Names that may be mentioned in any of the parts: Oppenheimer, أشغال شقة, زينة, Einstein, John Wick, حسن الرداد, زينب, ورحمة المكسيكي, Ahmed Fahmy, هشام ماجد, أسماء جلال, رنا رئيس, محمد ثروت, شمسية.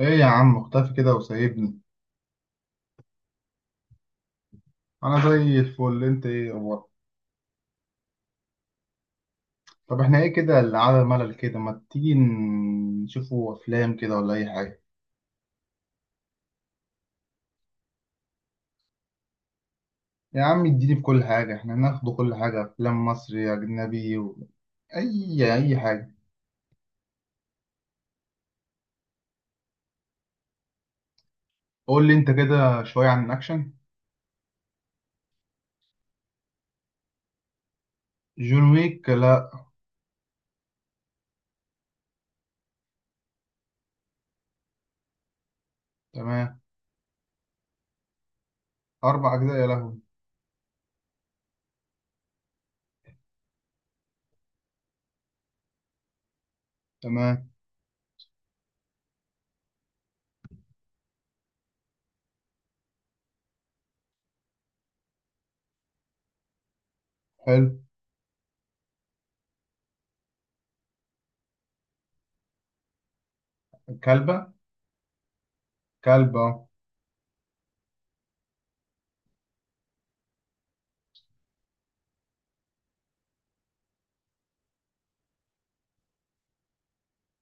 ايه يا عم، مختفي كده وسايبني؟ انا زي الفل. انت ايه اخبارك؟ طب احنا ايه كده اللي على ملل كده؟ ما تيجي نشوفوا افلام كده ولا اي حاجه؟ يا عم اديني في كل حاجه، احنا ناخده كل حاجه، افلام مصري اجنبي و... اي حاجه. قول لي انت كده شويه عن الاكشن. جون ويك، لا. تمام. اربع اجزاء! يا لهوي. تمام. حلو. كلبه. كلبه أهو.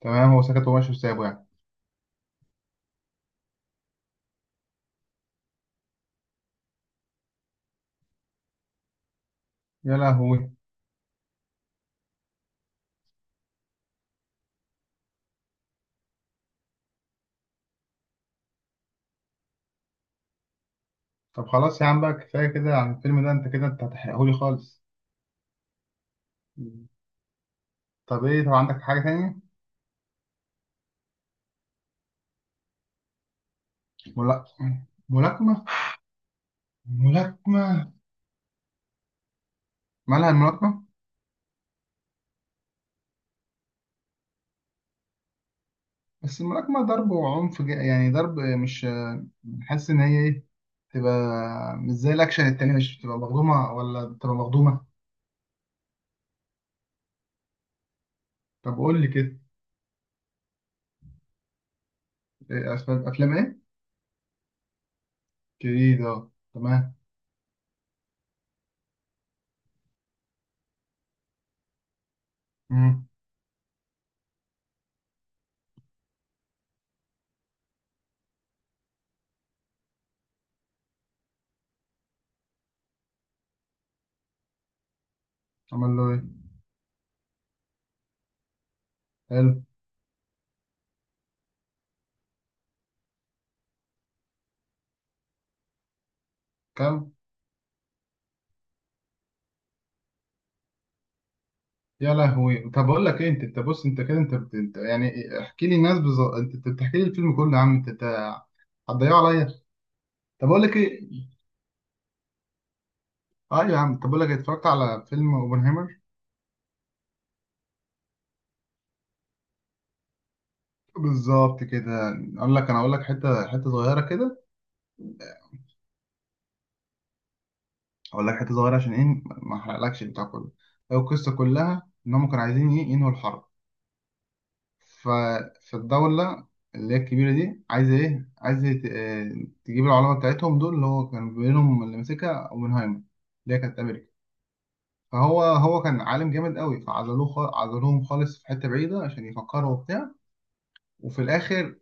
تمام، هو سكت وماشي وسابه يعني. يا لهوي. طب خلاص يا عم بقى، كفايه كده عن الفيلم ده، انت كده انت هتحرقهولي خالص. طب ايه؟ طب عندك حاجة تانية؟ ملا... ملاكمة ملاكمة. مالها الملاكمة؟ بس الملاكمة ضرب وعنف، يعني ضرب، مش حاسس إن هي إيه؟ تبقى مش زي الأكشن التاني، مش بتبقى مخدومة ولا بتبقى مخدومة؟ طب قول لي كده. إيه أسباب أفلام إيه؟ جديد، أه تمام. مم. عمل له إيه؟ حلو. كم؟ يا لهوي، طب أقول لك إيه؟ أنت بص، أنت كده أنت، أنت يعني احكي لي الناس بالظبط، أنت بتحكي لي الفيلم كله يا عم، أنت هتضيعه عليا. طب أقول لك إيه؟ اه يا عم، طب بقول لك، اتفرجت على فيلم اوبنهايمر. بالظبط كده. اقول لك حته حته صغيره كده. اقول لك حته صغيره عشان ايه ما احرقلكش البتاع كله. هي القصه كلها ان هم كانوا عايزين ايه ينهوا الحرب. ففي الدوله اللي هي الكبيره دي عايزه ايه، عايزه تجيب العلماء بتاعتهم دول اللي هو كان بينهم اللي ماسكها اوبنهايمر، اللي هي كانت امريكا. فهو كان عالم جامد قوي، عزلوهم خالص في حته بعيده عشان يفكروا وبتاع. وفي الاخر،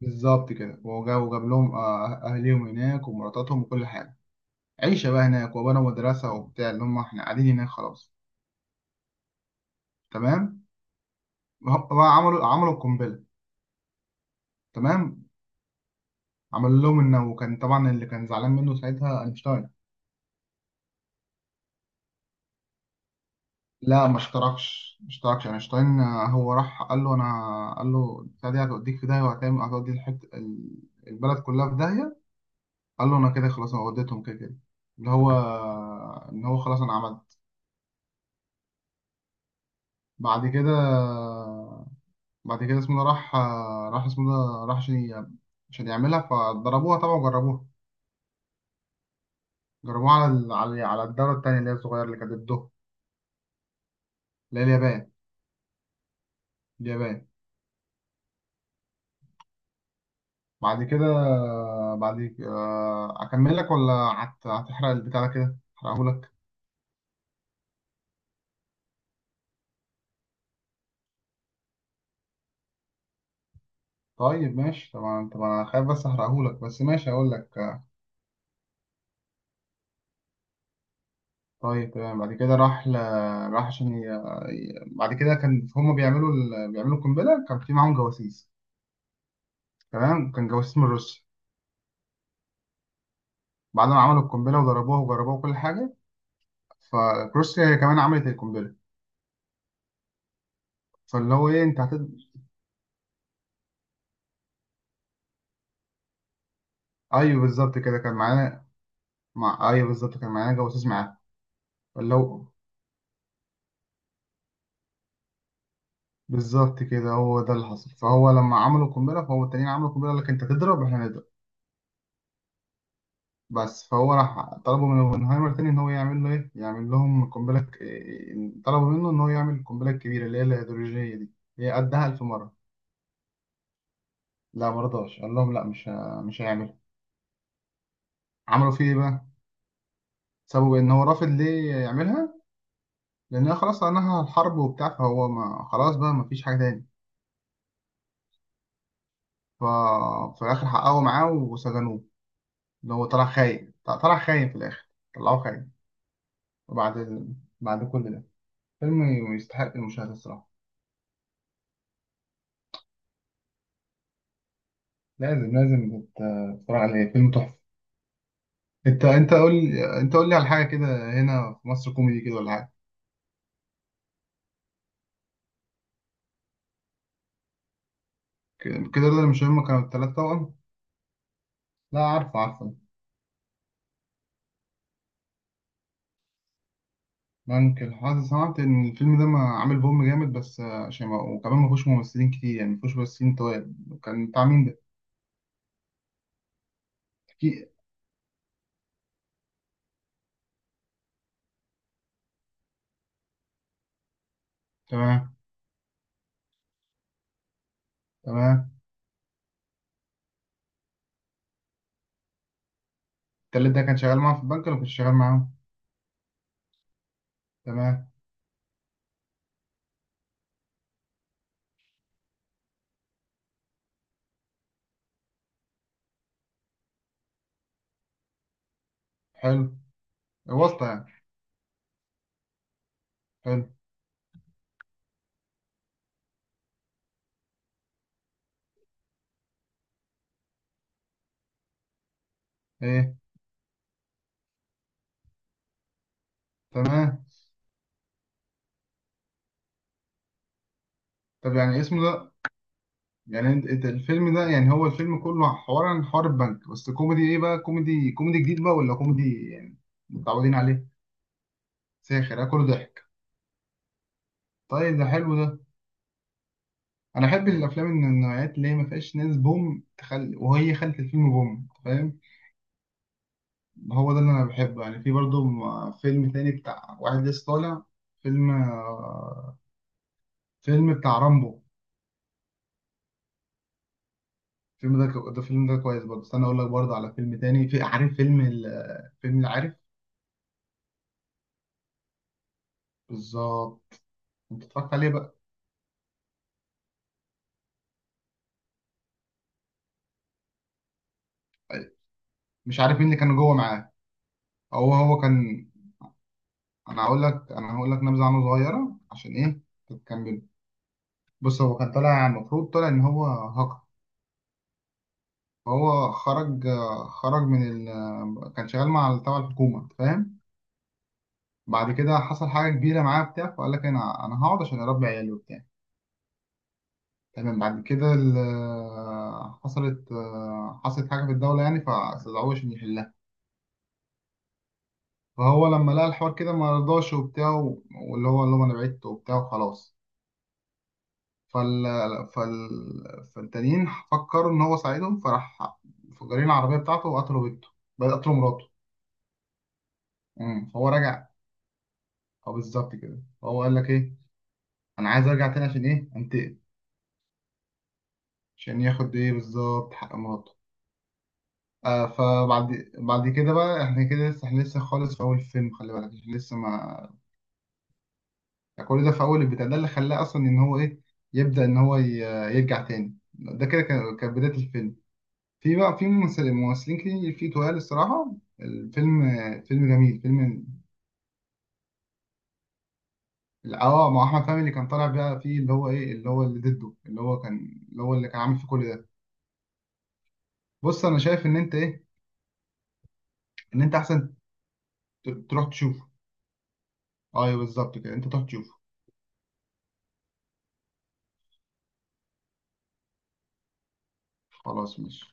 بالظبط كده. وجاب لهم آه، أه-، اهليهم هناك ومراتاتهم وكل حاجه. عيشه بقى هناك، وبنوا مدرسه وبتاع اللي هم احنا قاعدين هناك خلاص. تمام. هم عملوا القنبله. تمام، عملوا لهم انه. وكان طبعا اللي كان زعلان منه ساعتها اينشتاين. لا، ما اشتركش اينشتاين، هو راح قال له البتاع دي هتوديك في داهيه، وهتعمل هتودي البلد كلها في داهيه. قال له انا كده خلاص، انا وديتهم كده كده، اللي هو ان هو خلاص انا عملت. بعد كده، اسمه ده راح. اسمه ده راح عشان يعملها، فضربوها طبعا وجربوها. جربوها على ال- على على الدولة التانية اللي هي الصغيرة اللي كانت ضده، اللي هي اليابان. اليابان. بعد كده، بعد آه، أكمل لك ولا هتحرق البتاع ده كده أحرقهولك؟ طيب ماشي، طبعا طبعا، أنا خايف بس أحرقهولك، بس ماشي هقول لك. طيب تمام، بعد كده راح راح عشان بعد كده كان هما بيعملوا القنبلة، كان في معاهم جواسيس. تمام، كان جواسيس من روسيا. بعد ما عملوا القنبله وضربوها وجربوها كل حاجه، فروسيا هي كمان عملت القنبله. فاللي هو ايه، انت ايوه بالظبط كده، كان معانا. ايوه بالظبط، كان معانا جواسيس معاه. فاللي هو بالظبط كده، هو ده اللي حصل، فهو لما عملوا القنبله، فهو التانيين عملوا القنبله، قال لك انت تضرب احنا نضرب. بس فهو راح طلبوا من اوبنهايمر تاني، ان هو يعمل له ايه، يعمل لهم طلبوا منه ان هو يعمل القنبله الكبيره اللي هي الهيدروجينيه دي، هي قدها 1000 مره. لا مرضاش، قال لهم لا، مش هيعملها. عملوا فيه ايه بقى؟ سبب ان هو رافض ليه يعملها؟ لأن خلاص أنهى الحرب وبتاع، فهو ما خلاص بقى، ما فيش حاجة تاني. ف... ففي الآخر حققوا معاه وسجنوه. اللي هو طلع خاين، طلع خاين في الآخر، طلعوه خاين. وبعد ال... بعد كل ده، فيلم يستحق المشاهدة الصراحة. لازم تتفرج عليه، فيلم تحفة. أنت قول لي، أنت قول لي على حاجة كده. هنا في مصر، كوميدي كده ولا حاجة؟ كده، ده مش هم كانوا التلات توأم؟ لا، عارفه عارفه. ممكن حاسس سمعت ان الفيلم ده ما عامل بوم جامد، بس عشان ما، وكمان ما فيهوش ممثلين كتير، يعني ما فيهوش ممثلين طوال. كان بتاع مين ده؟ كي. تمام. تمام. التالت ده كان شغال معاهم في البنك ولا كنت شغال معاهم؟ تمام. حلو. واسطة يعني. حلو. ايه، تمام. طب يعني اسمه ده، يعني انت الفيلم ده، يعني هو الفيلم كله حوار عن حوار البنك، بس كوميدي ايه بقى، كوميدي كوميدي جديد بقى ولا كوميدي يعني متعودين عليه؟ ساخر، كله ضحك. طيب ده حلو ده، انا احب الافلام من النوعيات اللي هي ما فيهاش ناس بوم وهي خلت الفيلم بوم، فاهم؟ هو ده اللي انا بحبه يعني، في برضه فيلم تاني بتاع واحد لسه طالع. فيلم فيلم بتاع رامبو. الفيلم ده ده فيلم ده كويس برضه، استنى اقول لك برضه على فيلم تاني، في عارف فيلم فيلم اللي عارف، بالظبط. انت اتفرجت عليه بقى؟ مش عارف مين اللي كان جوه معاه. هو كان، انا هقول لك نبذه عنه صغيره عشان ايه تكمل. بص، هو كان المفروض طالع ان هو هاكر. هو خرج من كان شغال مع تبع الحكومة، فاهم؟ بعد كده حصل حاجة كبيرة معاه بتاع فقال لك أنا هقعد عشان أربي عيالي وبتاع. تمام، بعد كده حصلت حاجة في الدولة يعني، فاستدعوه عشان يحلها. فهو لما لقى الحوار كده ما رضاش وبتاع، واللي هو اللي هو أنا بعدت وبتاع وخلاص. فال فال فالتانيين فكروا إن هو ساعدهم، فراح مفجرين العربية بتاعته وقتلوا بنته، بقى قتلوا مراته. مم. فهو رجع، اه بالظبط كده، هو قال لك ايه، انا عايز ارجع تاني عشان ايه انتقم، عشان ياخد ايه بالظبط حق مراته. فبعد كده بقى، احنا لسه خالص في اول الفيلم، خلي بالك احنا لسه ما، يعني كل ده في اول البتاع ده، اللي خلاه اصلا ان هو ايه يبدا ان هو يرجع تاني. ده كده كانت بدايه الفيلم. في بقى في ممثلين كتير، في تقال الصراحه الفيلم، فيلم جميل، فيلم. اه، مع احمد فهمي، اللي كان طالع بقى فيه، اللي هو ايه، اللي هو اللي ضده، اللي هو كان، اللي هو اللي كان عامل فيه كل ده. بص انا شايف ان انت ايه، ان انت احسن تروح تشوفه. ايوه بالظبط كده، انت تروح تشوفه. خلاص ماشي.